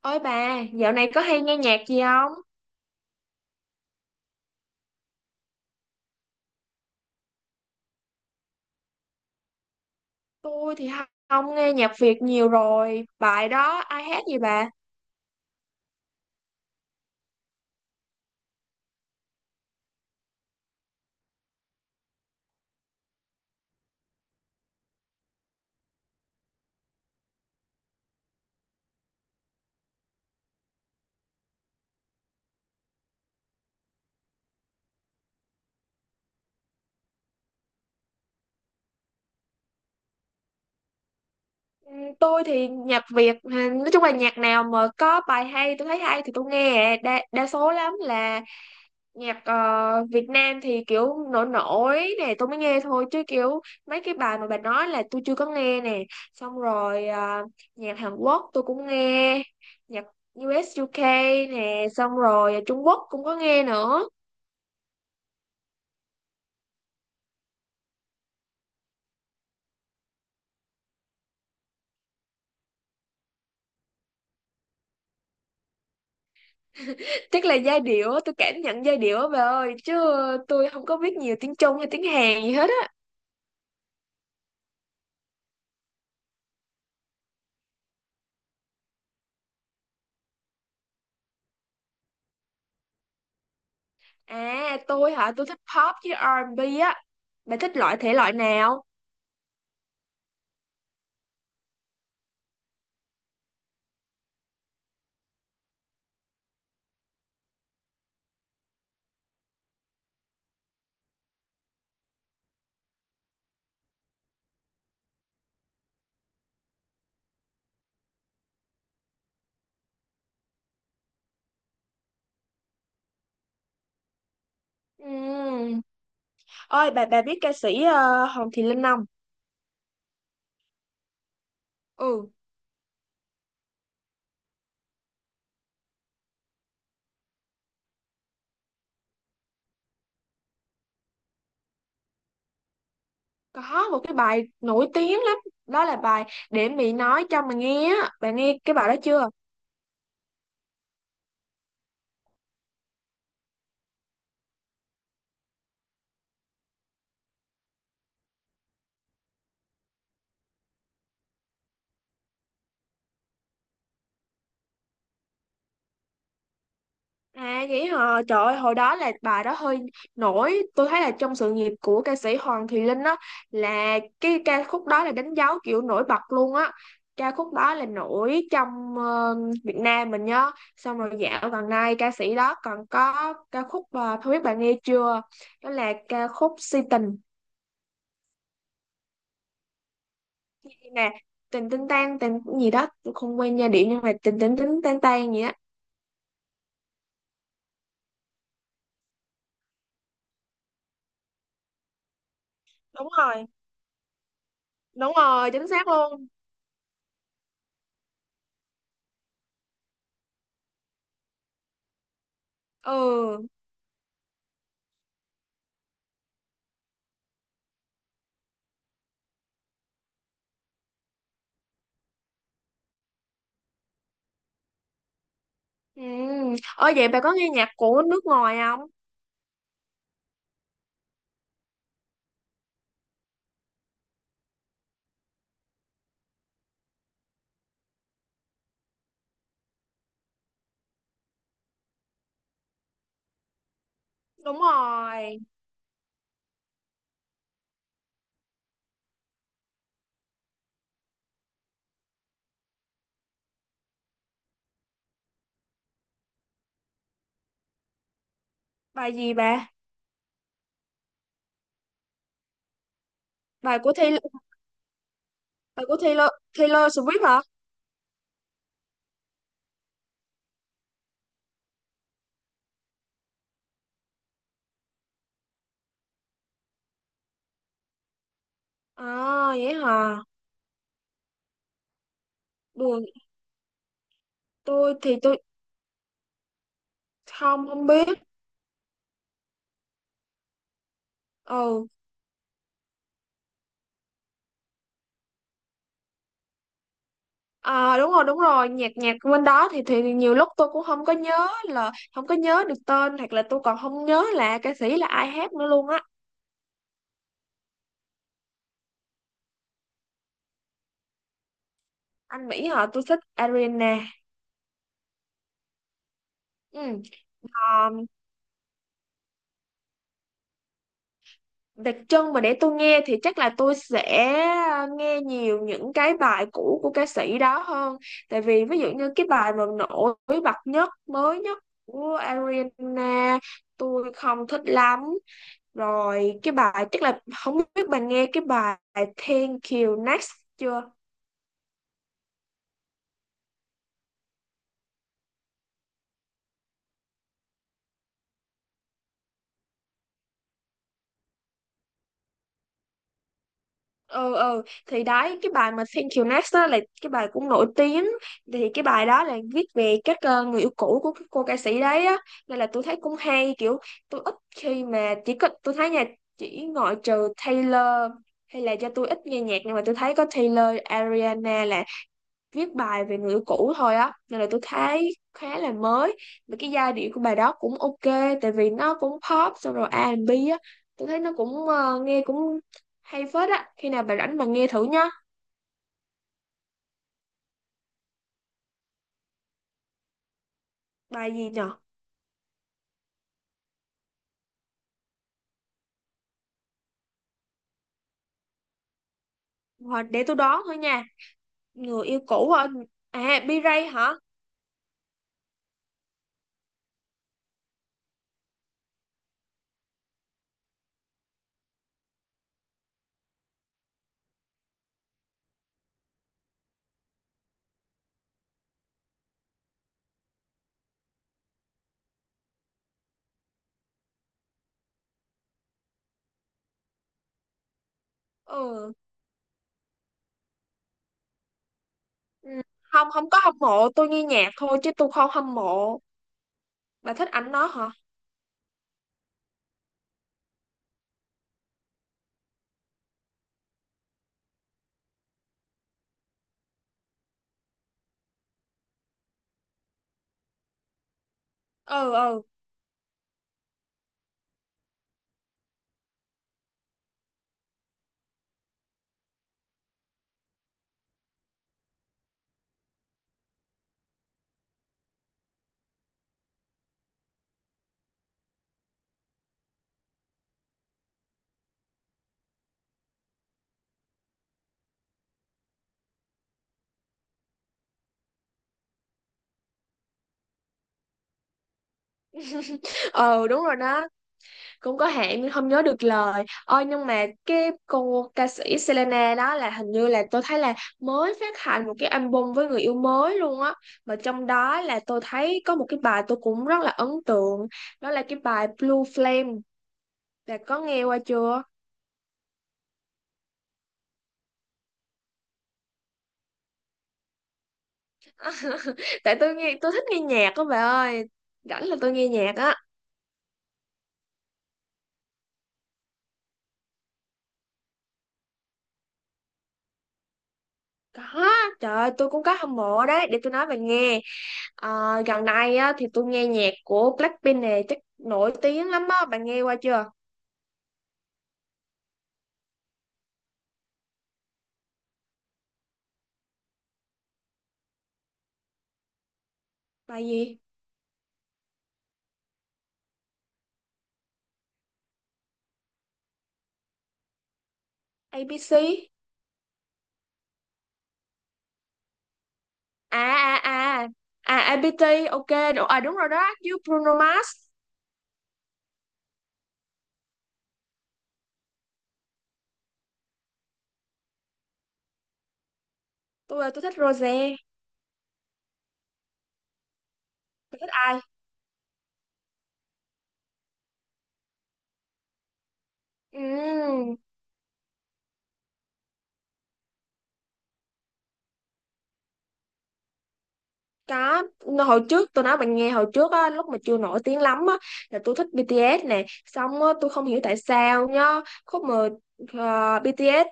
Ôi bà, dạo này có hay nghe nhạc gì không? Tôi thì không không nghe nhạc Việt nhiều rồi. Bài đó ai hát gì bà? Ừ, tôi thì nhạc Việt, ừ, nói chung là nhạc nào mà có bài hay, tôi thấy hay thì tôi nghe. Đa số lắm là nhạc Việt Nam thì kiểu nổi nổi nè, tôi mới nghe thôi. Chứ kiểu mấy cái bài mà bà nói là tôi chưa có nghe nè. Xong rồi nhạc Hàn Quốc tôi cũng nghe, nhạc U.S. UK nè, xong rồi Trung Quốc cũng có nghe nữa. Chắc là giai điệu á, tôi cảm nhận giai điệu á bà ơi, chứ tôi không có biết nhiều tiếng Trung hay tiếng Hàn gì hết á. À tôi hả, tôi thích pop với R&B á. Bà thích loại thể loại nào? Ừm, Ơi bà biết ca sĩ Hồng Thị Linh không? Ừ, có một cái bài nổi tiếng lắm, đó là bài Để Mỹ Nói Cho Mà Nghe á, bà nghe cái bài đó chưa? À vậy hả? Trời ơi, hồi đó là bà đó hơi nổi. Tôi thấy là trong sự nghiệp của ca sĩ Hoàng Thùy Linh á, là cái ca khúc đó là đánh dấu kiểu nổi bật luôn á. Ca khúc đó là nổi trong Việt Nam mình nhớ. Xong rồi dạo gần đây ca sĩ đó còn có ca khúc không biết bạn nghe chưa? Đó là ca khúc Si Tình nè, tình tinh tan tình gì đó, tôi không quen giai điệu nhưng mà tình tình tinh tan tan gì á. Đúng rồi, đúng rồi, chính xác luôn. Ừ. Ừ. Ở vậy bà có nghe nhạc của nước ngoài không? Đúng rồi. Bài gì bà? Bài của Taylor, bài của Taylor, Taylor Swift hả? À vậy hả? Buồn, tôi thì tôi không không biết. Ừ. À đúng rồi, nhạc nhạc bên đó thì nhiều lúc tôi cũng không có nhớ, là không có nhớ được tên hoặc là tôi còn không nhớ là ca sĩ là ai hát nữa luôn á. Anh Mỹ hả? Tôi thích Ariana. Ừ. Ờ, đặc trưng mà để tôi nghe thì chắc là tôi sẽ nghe nhiều những cái bài cũ của ca sĩ đó hơn, tại vì ví dụ như cái bài mà nổi bật nhất mới nhất của Ariana tôi không thích lắm. Rồi cái bài chắc là không biết bạn nghe cái bài Thank You Next chưa. Ừ thì đấy, cái bài mà Thank You Next đó là cái bài cũng nổi tiếng, thì cái bài đó là viết về các người yêu cũ của cái cô ca sĩ đấy á, nên là tôi thấy cũng hay. Kiểu tôi ít khi mà chỉ có tôi thấy nha, chỉ ngoại trừ Taylor, hay là do tôi ít nghe nhạc, nhưng mà tôi thấy có Taylor, Ariana là viết bài về người yêu cũ thôi á, nên là tôi thấy khá là mới. Mà cái giai điệu của bài đó cũng ok, tại vì nó cũng pop xong rồi R&B á. Tôi thấy nó cũng nghe cũng hay phết á. Khi nào bà rảnh bà nghe thử nhá. Bài gì nhở? Hoặc để tôi đoán thôi nha, người yêu cũ hả? À B-Ray hả? Ừ. Ừ. Không, không có hâm mộ, tôi nghe nhạc thôi chứ tôi không hâm mộ. Bà thích ảnh nó hả? Ừ. Ừ. Ừ đúng rồi đó, cũng có hạn nhưng không nhớ được lời. Ôi nhưng mà cái cô ca sĩ Selena đó là, hình như là tôi thấy là mới phát hành một cái album với người yêu mới luôn á, mà trong đó là tôi thấy có một cái bài tôi cũng rất là ấn tượng, đó là cái bài Blue Flame. Bà có nghe qua chưa? Tại tôi nghe, tôi thích nghe nhạc á bà ơi, rảnh là tôi nghe nhạc á. Có, trời ơi, tôi cũng có hâm mộ đấy, để tôi nói bà nghe. Ờ, gần đây á thì tôi nghe nhạc của Blackpink này, chắc nổi tiếng lắm á, bạn nghe qua chưa? Bài gì? ABC? À à à, à IBT, ok. À đúng rồi đó, với Bruno Mars. Tôi thích Rosé. Tôi thích ai? Ừm, có, hồi trước tôi nói bạn nghe, hồi trước á lúc mà chưa nổi tiếng lắm á, là tôi thích BTS nè. Xong á tôi không hiểu tại sao nhá, khúc mà BTS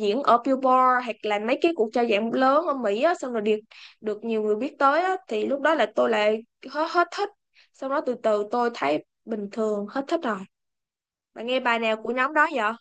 diễn ở Billboard hoặc là mấy cái cuộc trao giải lớn ở Mỹ á, xong rồi được, được nhiều người biết tới á, thì lúc đó là tôi lại hết hết thích. Xong đó từ từ tôi thấy bình thường, hết thích rồi. Bạn nghe bài nào của nhóm đó vậy?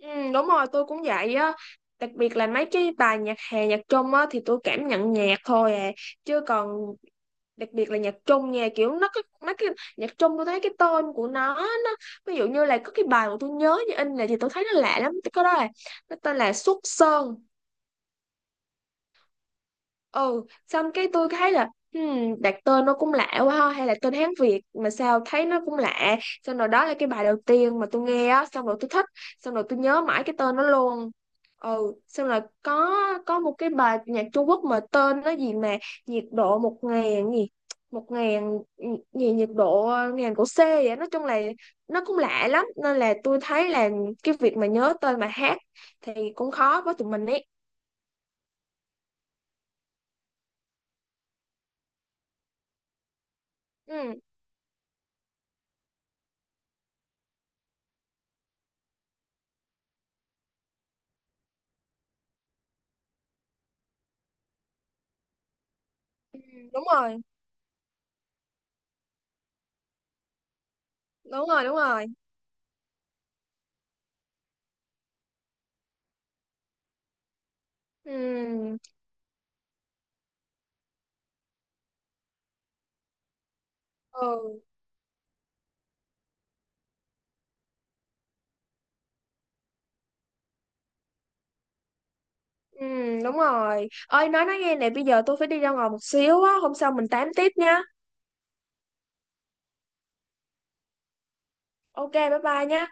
Ừ, đúng rồi, tôi cũng vậy á. Đặc biệt là mấy cái bài nhạc hè, nhạc Trung á thì tôi cảm nhận nhạc thôi à. Chứ còn đặc biệt là nhạc Trung nha, kiểu nó có mấy cái nhạc Trung, tôi thấy cái tên của nó, ví dụ như là có cái bài mà tôi nhớ như in là, thì tôi thấy nó lạ lắm. Cái đó là nó tên là Xuất Sơn. Ừ, xong cái tôi thấy là, đặt tên nó cũng lạ quá ha, hay là tên Hán Việt mà sao thấy nó cũng lạ. Xong rồi đó là cái bài đầu tiên mà tôi nghe á, xong rồi tôi thích, xong rồi tôi nhớ mãi cái tên nó luôn. Ừ xong rồi có một cái bài nhạc Trung Quốc mà tên nó gì mà, nhiệt độ một ngàn gì, một ngàn gì nhiệt độ, ngàn của C vậy, nói chung là nó cũng lạ lắm, nên là tôi thấy là cái việc mà nhớ tên mà hát thì cũng khó với tụi mình ấy. Ừ, ừ, đúng rồi đúng rồi đúng rồi. Ừ ừ ừ đúng rồi ơi, nói nghe nè, bây giờ tôi phải đi ra ngoài một xíu á, hôm sau mình tám tiếp nha. Ok bye bye nha.